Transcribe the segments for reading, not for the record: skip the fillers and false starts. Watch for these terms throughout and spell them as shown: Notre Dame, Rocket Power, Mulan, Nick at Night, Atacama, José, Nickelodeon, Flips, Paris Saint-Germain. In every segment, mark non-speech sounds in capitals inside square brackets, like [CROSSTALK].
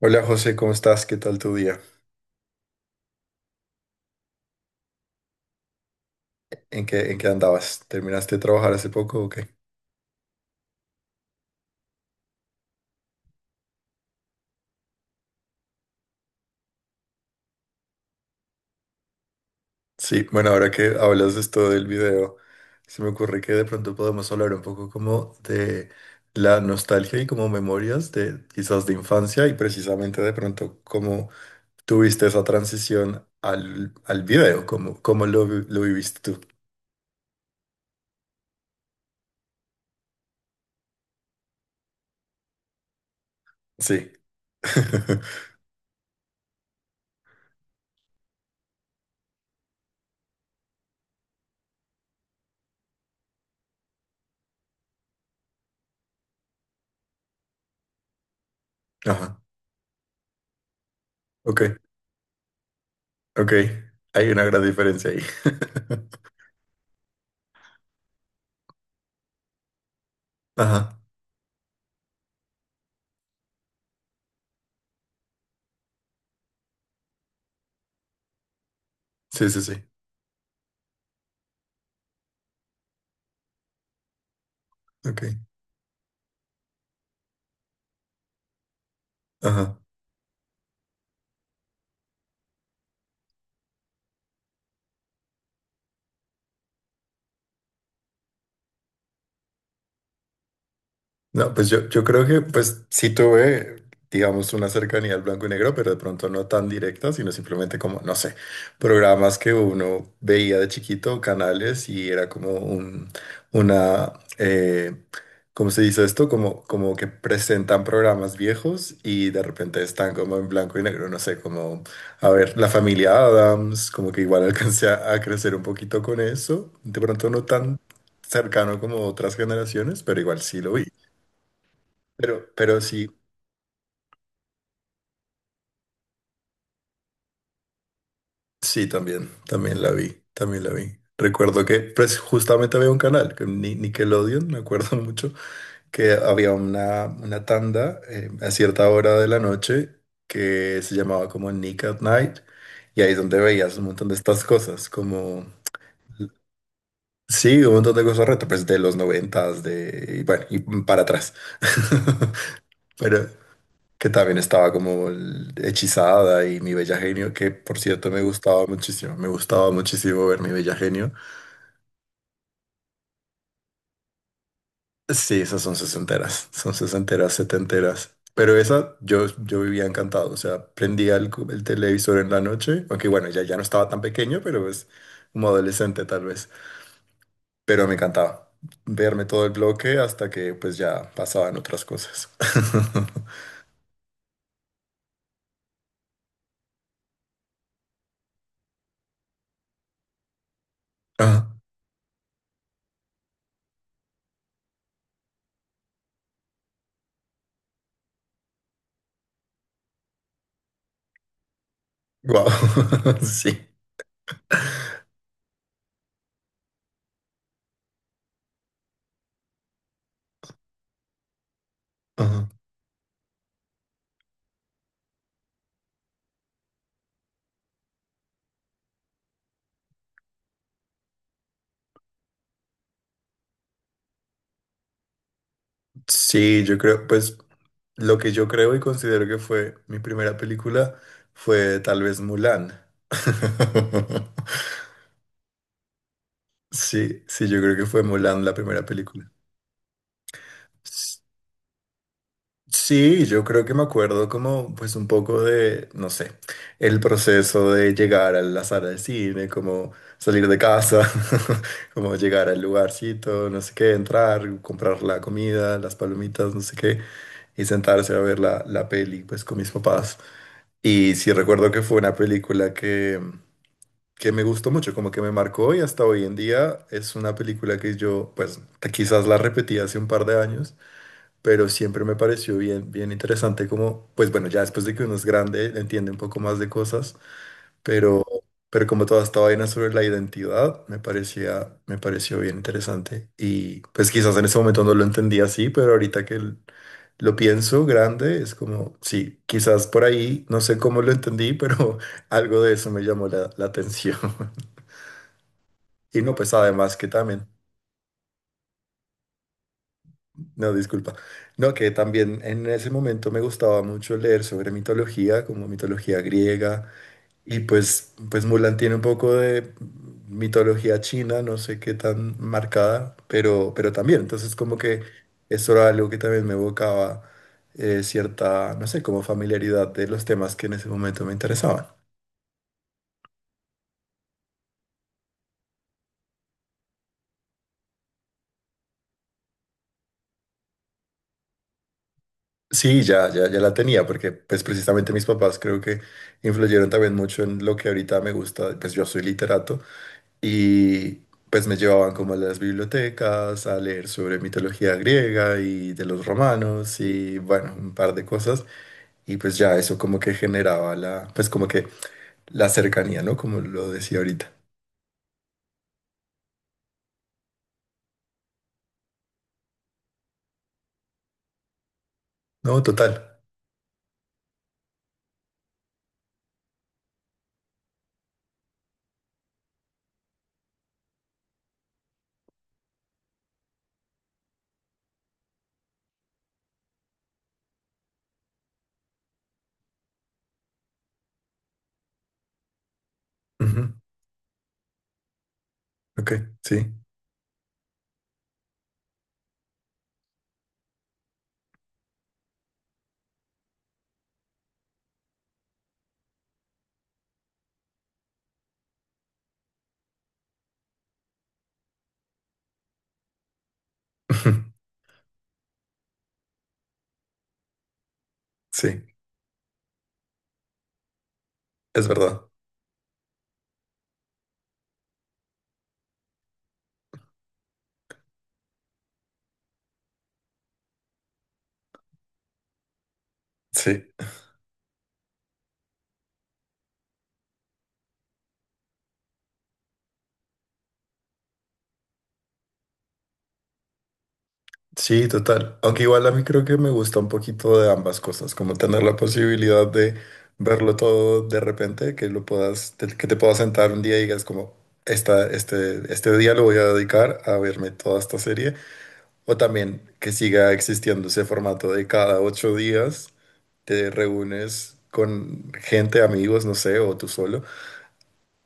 Hola José, ¿cómo estás? ¿Qué tal tu día? ¿En qué andabas? ¿Terminaste de trabajar hace poco o qué? Sí, bueno, ahora que hablas de esto del video, se me ocurre que de pronto podemos hablar un poco como de la nostalgia y como memorias de quizás de infancia y precisamente de pronto cómo tuviste esa transición al video, cómo lo viviste tú. Sí. [LAUGHS] Ajá. Ok, ok. Hay una gran diferencia ahí. [LAUGHS] Ajá. Sí, sí, sí. Ok. No, pues yo creo que pues sí tuve, digamos, una cercanía al blanco y negro, pero de pronto no tan directa, sino simplemente como, no sé, programas que uno veía de chiquito, canales, y era como una, eh, ¿cómo se dice esto? Como que presentan programas viejos y de repente están como en blanco y negro, no sé, como, a ver, la Familia Adams, como que igual [LAUGHS] alcancé a crecer un poquito con eso, de pronto no tan cercano como otras generaciones, pero igual sí lo vi. Pero sí, sí, también, también la vi, también la vi. Recuerdo que pues, justamente había un canal, que Nickelodeon, me acuerdo [LAUGHS] mucho, que había una tanda a cierta hora de la noche que se llamaba como Nick at Night, y ahí es donde veías un montón de estas cosas, como, sí, un montón de cosas retro, pues de los noventas, de, y bueno, y para atrás. [LAUGHS] Pero, que también estaba como Hechizada y Mi Bella Genio, que por cierto me gustaba muchísimo ver Mi Bella Genio. Sí, esas son sesenteras, setenteras. Pero esa yo vivía encantado, o sea, prendía el televisor en la noche, aunque bueno, ya no estaba tan pequeño, pero pues como adolescente tal vez. Pero me encantaba verme todo el bloque hasta que pues ya pasaban otras cosas. [LAUGHS] Wow, [LAUGHS] sí. Ajá. Sí, yo creo, pues Lo que yo creo y considero que fue mi primera película fue tal vez Mulan. [LAUGHS] Sí, sí, yo creo que fue Mulan la primera película. S- Sí, yo creo que me acuerdo como pues un poco de, no sé, el proceso de llegar a la sala del cine, como salir de casa, [LAUGHS] como llegar al lugarcito, no sé qué, entrar, comprar la comida, las palomitas, no sé qué, y sentarse a ver la peli pues con mis papás. Y sí recuerdo que fue una película que me gustó mucho, como que me marcó y hasta hoy en día es una película que yo, pues quizás la repetí hace un par de años, pero siempre me pareció bien, bien interesante como, pues bueno, ya después de que uno es grande, entiende un poco más de cosas pero, pero como toda esta vaina sobre la identidad, me pareció bien interesante. Y pues quizás en ese momento no lo entendía así, pero ahorita que lo pienso grande, es como, sí, quizás por ahí, no sé cómo lo entendí, pero [LAUGHS] algo de eso me llamó la atención. [LAUGHS] Y no, pues además que también, no, disculpa, no, que también en ese momento me gustaba mucho leer sobre mitología, como mitología griega. Y pues Mulan tiene un poco de mitología china, no sé qué tan marcada, pero también. Entonces, como que eso era algo que también me evocaba cierta, no sé, como familiaridad de los temas que en ese momento me interesaban. Sí, ya, ya, ya la tenía, porque pues precisamente mis papás creo que influyeron también mucho en lo que ahorita me gusta. Pues yo soy literato. Y pues me llevaban como a las bibliotecas a leer sobre mitología griega y de los romanos y bueno, un par de cosas. Y pues ya eso como que generaba pues como que la cercanía, ¿no? Como lo decía ahorita. No, total. Ujú. Ok, sí. [LAUGHS] Sí, es verdad. Sí. Sí, total. Aunque igual a mí creo que me gusta un poquito de ambas cosas, como tener la posibilidad de verlo todo de repente, que te puedas sentar un día y digas como, este día lo voy a dedicar a verme toda esta serie, o también que siga existiendo ese formato de cada 8 días te reúnes con gente, amigos, no sé, o tú solo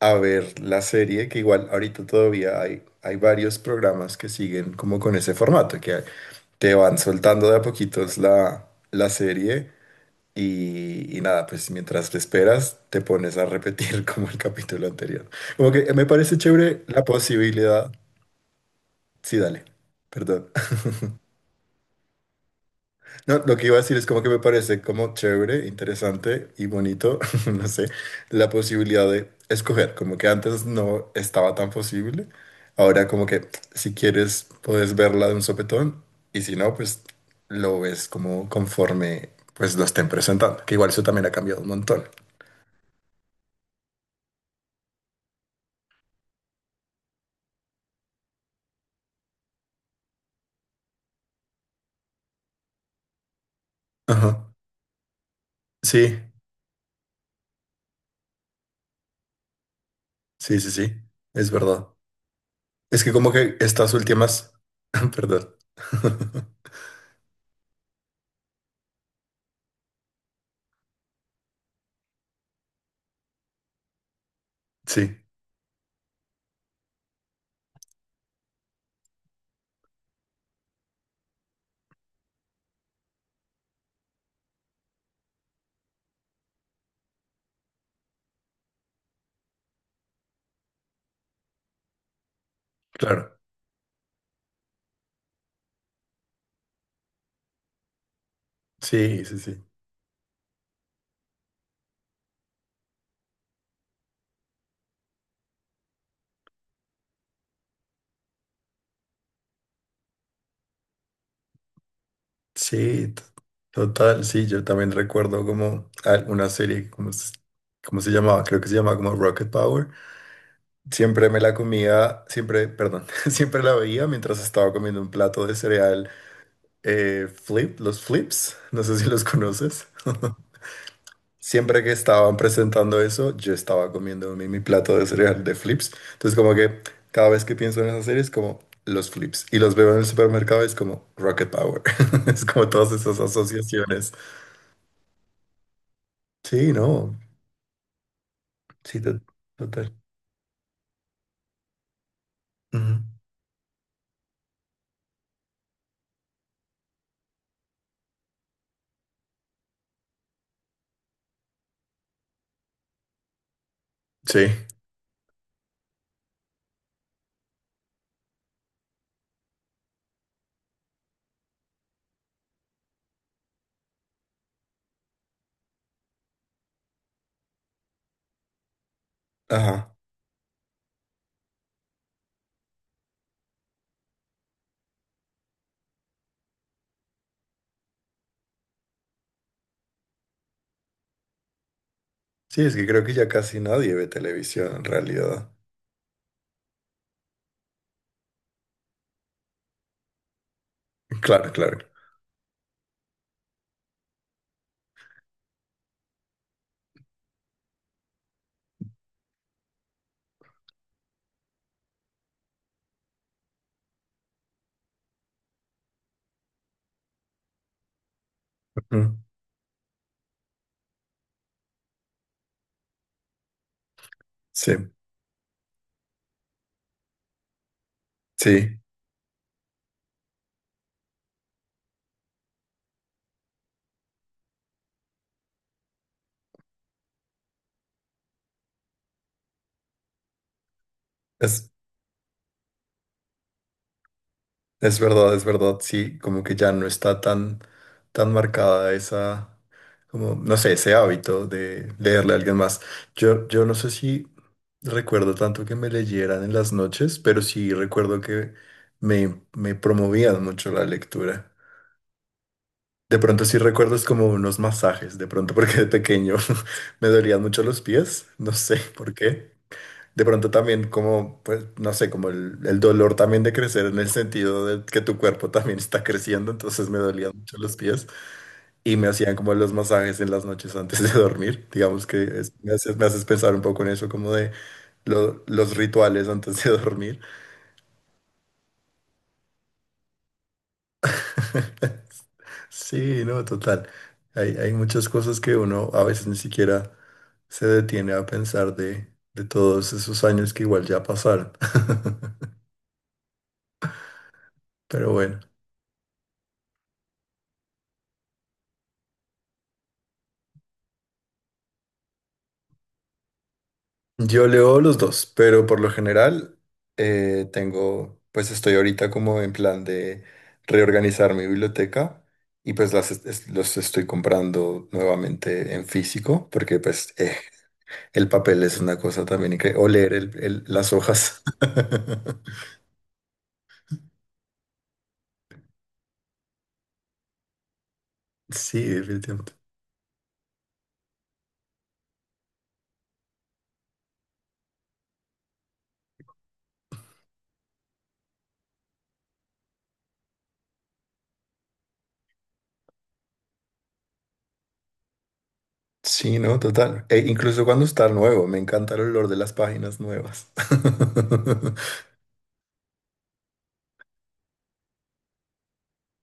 a ver la serie, que igual ahorita todavía hay varios programas que siguen como con ese formato, que te van soltando de a poquitos la serie y nada, pues mientras te esperas te pones a repetir [LAUGHS] como el capítulo anterior. Como que me parece chévere la posibilidad. Sí, dale, perdón. No, lo que iba a decir es como que me parece como chévere, interesante y bonito, [LAUGHS] no sé, la posibilidad de escoger, como que antes no estaba tan posible, ahora como que si quieres puedes verla de un sopetón y si no, pues lo ves como conforme pues lo estén presentando, que igual eso también ha cambiado un montón. Ajá. Sí, sí, sí, sí, es verdad. Es que como que estas últimas, [LAUGHS] perdón. [LAUGHS] Sí, claro. Sí, sí, sí. Sí, total, sí, yo también recuerdo como una serie, como, ¿cómo se llamaba? Creo que se llamaba como Rocket Power. Siempre me la comía, siempre, perdón, [LAUGHS] siempre la veía mientras estaba comiendo un plato de cereal los Flips, no sé si los conoces. [LAUGHS] Siempre que estaban presentando eso, yo estaba comiendo mi plato de cereal de Flips. Entonces como que cada vez que pienso en esa serie es como los Flips y los veo en el supermercado es como Rocket Power. [LAUGHS] Es como todas esas asociaciones. Sí, no, sí, total. Ujú. Sí. Ajá. Sí, es que creo que ya casi nadie ve televisión en realidad. [LAUGHS] Claro, claro. Ujú. Sí, sí, es, es verdad, es verdad. Sí, como que ya no está tan, tan marcada esa, como, no sé, ese hábito de leerle a alguien más. Yo no sé si recuerdo tanto que me leyeran en las noches, pero sí recuerdo que me promovían mucho la lectura. De pronto sí recuerdo es como unos masajes, de pronto porque de pequeño [LAUGHS] me dolían mucho los pies, no sé por qué. De pronto también como, pues, no sé, como el dolor también de crecer en el sentido de que tu cuerpo también está creciendo, entonces me dolían mucho los pies y me hacían como los masajes en las noches antes de dormir. Digamos que me haces pensar un poco en eso, como de los rituales antes de dormir. [LAUGHS] Sí, no, total. Hay muchas cosas que uno a veces ni siquiera se detiene a pensar de todos esos años que igual ya pasaron. [LAUGHS] Pero bueno, yo leo los dos, pero por lo general pues estoy ahorita como en plan de reorganizar mi biblioteca y pues los estoy comprando nuevamente en físico porque pues el papel es una cosa también increíble, o leer las hojas. [LAUGHS] Sí, definitivamente. Sí, no, total. E incluso cuando está nuevo, me encanta el olor de las páginas nuevas. [LAUGHS]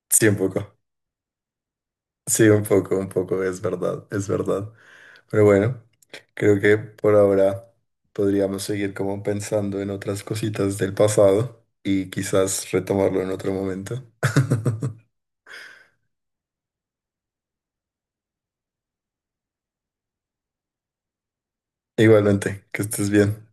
Sí, un poco. Sí, un poco, es verdad, es verdad. Pero bueno, creo que por ahora podríamos seguir como pensando en otras cositas del pasado y quizás retomarlo en otro momento. [LAUGHS] Igualmente, que estés bien.